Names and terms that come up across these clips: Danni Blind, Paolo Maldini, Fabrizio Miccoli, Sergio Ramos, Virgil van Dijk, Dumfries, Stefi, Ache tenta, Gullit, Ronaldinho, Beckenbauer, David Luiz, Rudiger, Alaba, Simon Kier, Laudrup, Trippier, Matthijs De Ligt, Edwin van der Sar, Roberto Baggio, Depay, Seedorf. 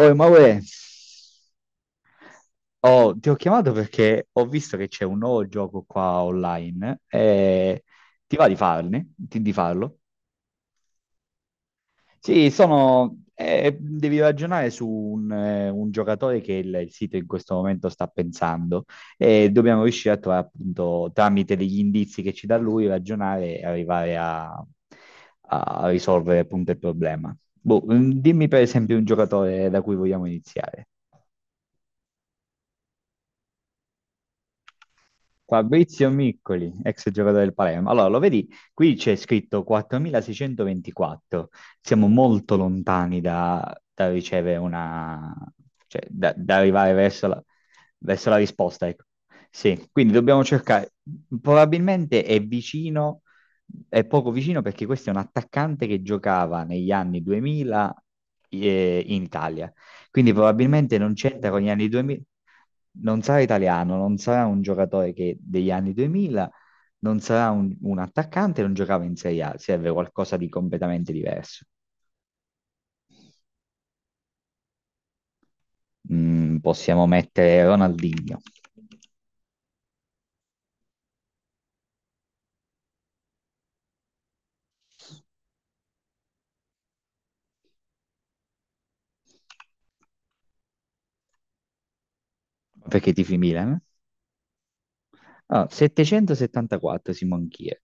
Oh, ma uè, oh, ti ho chiamato perché ho visto che c'è un nuovo gioco qua online. Ti va di farne? Di farlo? Sì, sono, devi ragionare su un giocatore che il sito in questo momento sta pensando e dobbiamo riuscire a trovare appunto tramite degli indizi che ci dà lui, ragionare e arrivare a risolvere appunto il problema. Boh, dimmi per esempio un giocatore da cui vogliamo iniziare. Fabrizio Miccoli, ex giocatore del Palermo. Allora, lo vedi? Qui c'è scritto 4624. Siamo molto lontani da ricevere una, cioè, da arrivare verso la risposta, ecco. Sì, quindi dobbiamo cercare. Probabilmente è vicino, è poco vicino perché questo è un attaccante che giocava negli anni 2000, in Italia. Quindi probabilmente non c'entra con gli anni 2000, non sarà italiano, non sarà un giocatore che degli anni 2000, non sarà un attaccante, non giocava in Serie A, serve qualcosa di completamente diverso. Possiamo mettere Ronaldinho, perché tifi Milan. Eh? Allora, 774 Simon Kier.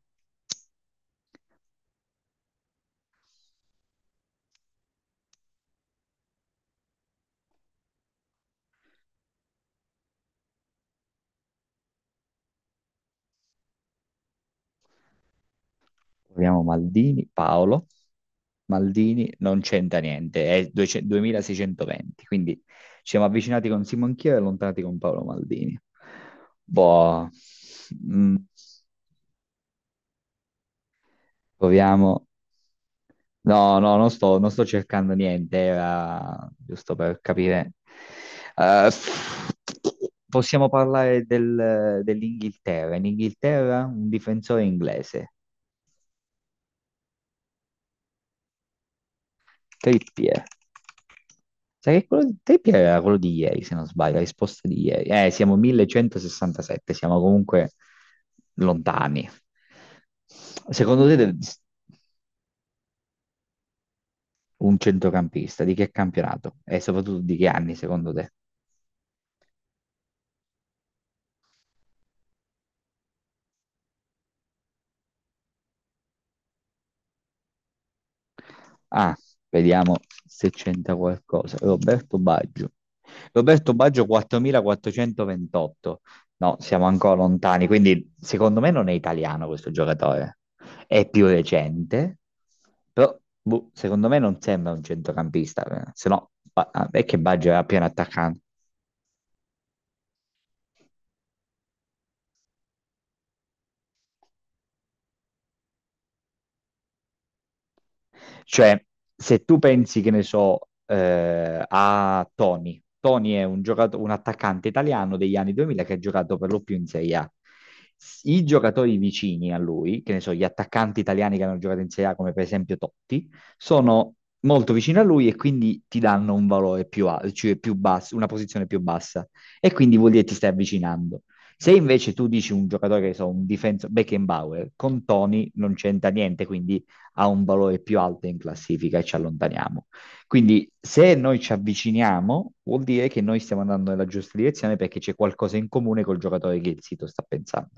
Proviamo Maldini, Paolo. Maldini non c'entra niente, è 200 2620, quindi ci siamo avvicinati con Simon Chia e allontanati con Paolo Maldini. Boh, mm, proviamo. No, no, non sto cercando niente, era giusto per capire. Eh, possiamo parlare dell'Inghilterra. In Inghilterra un difensore inglese. Trippier. Sai che quello di Trippier era quello di ieri, se non sbaglio, la risposta di ieri. Siamo 1167, siamo comunque lontani. Secondo te de- un centrocampista di che campionato? E soprattutto di che anni, secondo te? Ah, vediamo se c'entra qualcosa. Roberto Baggio. Roberto Baggio 4428. No, siamo ancora lontani, quindi secondo me non è italiano questo giocatore. È più recente, però boh, secondo me non sembra un centrocampista, eh. Se no ah, è che Baggio era appena attaccante. Cioè, se tu pensi, che ne so, a Tony, Tony è un attaccante italiano degli anni 2000 che ha giocato per lo più in Serie A. I giocatori vicini a lui, che ne so, gli attaccanti italiani che hanno giocato in Serie A, come per esempio Totti, sono molto vicini a lui e quindi ti danno un valore più, cioè più basso, una posizione più bassa. E quindi vuol dire che ti stai avvicinando. Se invece tu dici un giocatore che so, un difensore, Beckenbauer, con Tony non c'entra niente, quindi ha un valore più alto in classifica e ci allontaniamo. Quindi se noi ci avviciniamo, vuol dire che noi stiamo andando nella giusta direzione perché c'è qualcosa in comune col giocatore che il sito sta pensando.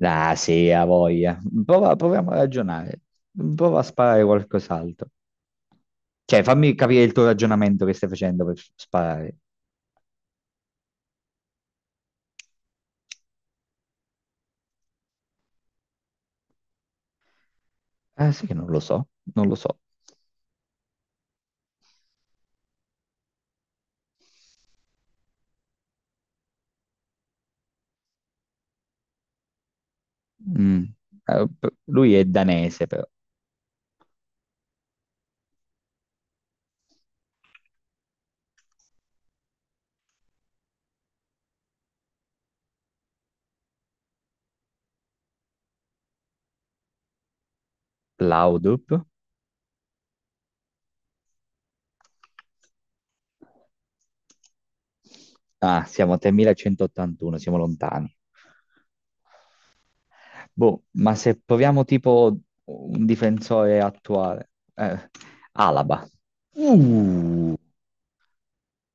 Ah, sì, ha voglia. Proviamo a ragionare. Prova a sparare qualcos'altro. Cioè, fammi capire il tuo ragionamento che stai facendo per sparare. Ah, sì che non lo so, non lo so. Mm. Lui è danese, però. Laudrup? Ah, siamo a 3181, siamo lontani. Boh, ma se proviamo tipo un difensore attuale, Alaba. Uh,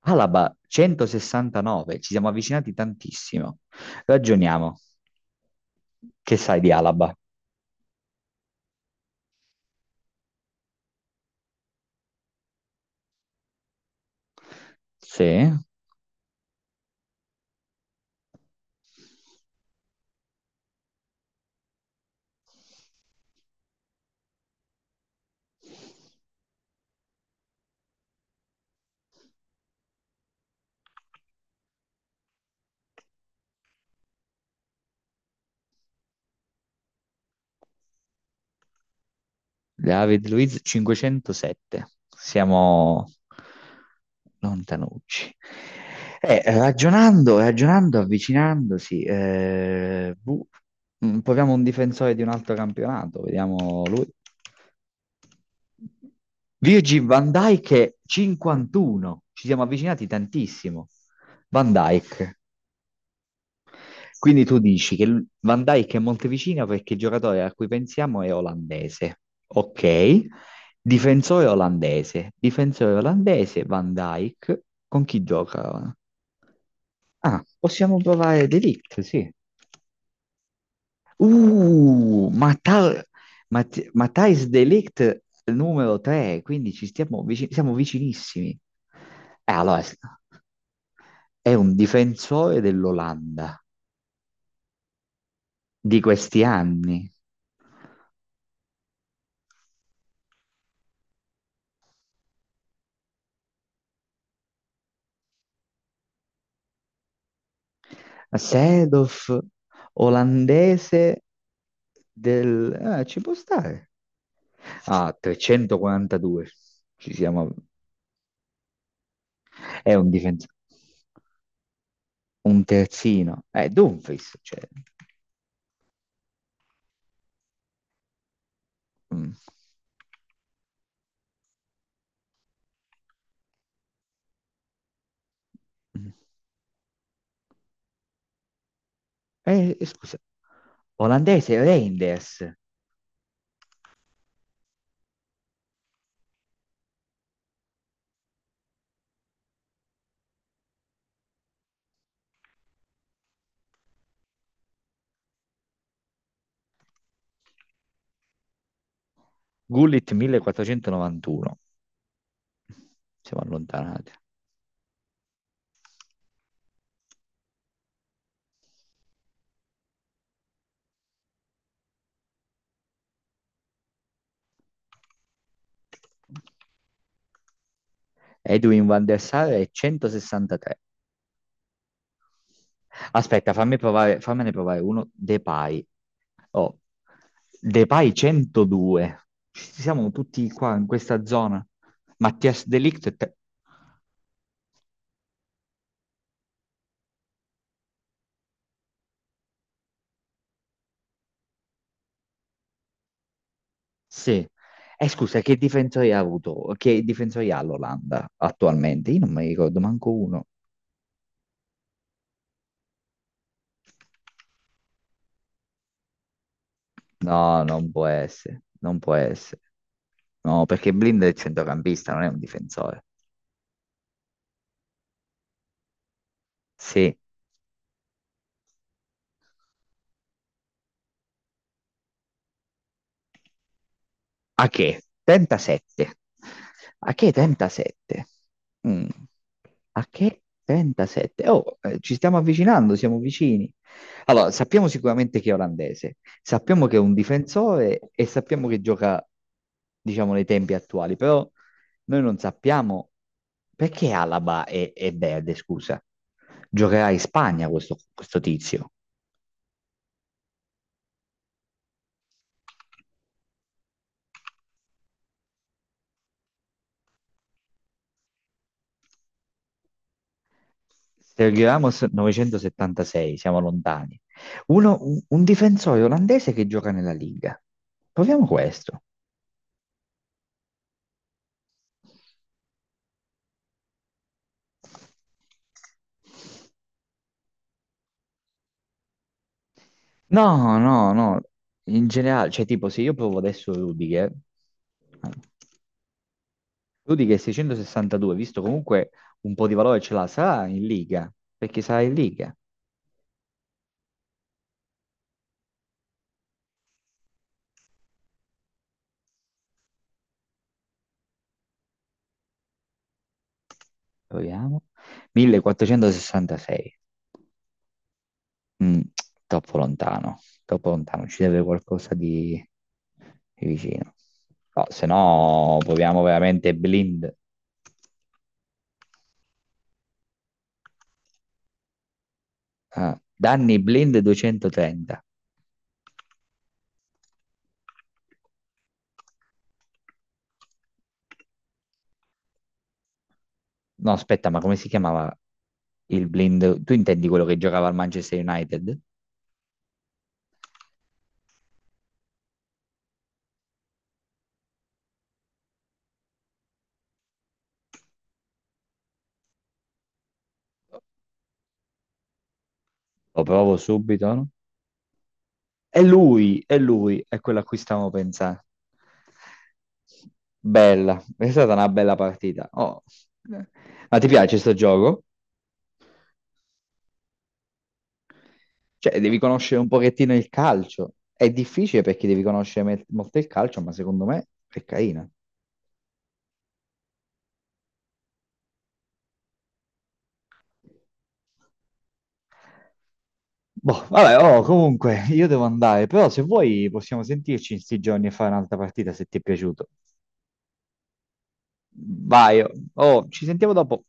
Alaba 169, ci siamo avvicinati tantissimo. Ragioniamo. Che sai di Alaba? Sì. David Luiz 507. Siamo lontanucci. Ragionando, ragionando, avvicinandosi, boh, proviamo un difensore di un altro campionato, vediamo lui. Virgil van Dijk è 51, ci siamo avvicinati tantissimo. Van Dijk, quindi tu dici che Van Dijk è Monteviccino perché il giocatore a cui pensiamo è olandese. Ok, difensore olandese. Difensore olandese, Van Dijk. Con chi gioca? Ah, possiamo provare De Ligt, sì. Uh, Matthijs Matthijs De Ligt numero 3, quindi siamo vicinissimi. Allora, è un difensore dell'Olanda di questi anni. Seedorf, olandese. Ah, ci può stare. Ah, 342. Ci siamo. È un difensore. Un terzino. Dumfries. Cioè. Mm. Mm. Scusa. Olandese, Reinders. Gullit 1491. Siamo allontanati. Edwin van der Sar è 163. Aspetta, fammi provare, fammene provare uno. Depay. Oh, Depay 102. Ci siamo tutti qua in questa zona. Mattias De Ligt. Sì. E scusa, che difensori ha avuto? Che difensori ha l'Olanda attualmente? Io non mi ricordo manco uno. No, non può essere. Non può essere. No, perché Blind è il centrocampista, non è un difensore. Sì. Ache, tenta 7. Ache tenta 7. Mm. Ache tenta 7. Oh, ci stiamo avvicinando, siamo vicini. Allora, sappiamo sicuramente che è olandese, sappiamo che è un difensore e sappiamo che gioca, diciamo, nei tempi attuali, però noi non sappiamo perché Alaba è verde, scusa. Giocherà in Spagna questo tizio. Sergio Ramos 976, siamo lontani. Un difensore olandese che gioca nella Liga. Proviamo questo. No, no, no. In generale, cioè tipo se io provo adesso Rudiger, Rudiger 662, visto comunque un po' di valore ce l'ha, sarà in Liga, perché sarà in Liga. Proviamo. 1466. Mm, troppo lontano, troppo lontano, ci deve qualcosa di vicino. No, se no proviamo veramente blind. Ah, danni blind 230. No, aspetta, ma come si chiamava il blind? Tu intendi quello che giocava al Manchester United? Lo provo subito, no? È lui, è lui, è quello a cui stavo pensando. Bella, è stata una bella partita. Oh. Ma ti piace sto gioco? Cioè, devi conoscere un pochettino il calcio. È difficile perché devi conoscere molto il calcio, ma secondo me è carina. Boh, vabbè, oh, comunque, io devo andare, però se vuoi possiamo sentirci in sti giorni e fare un'altra partita se ti è piaciuto. Vai, oh, ci sentiamo dopo.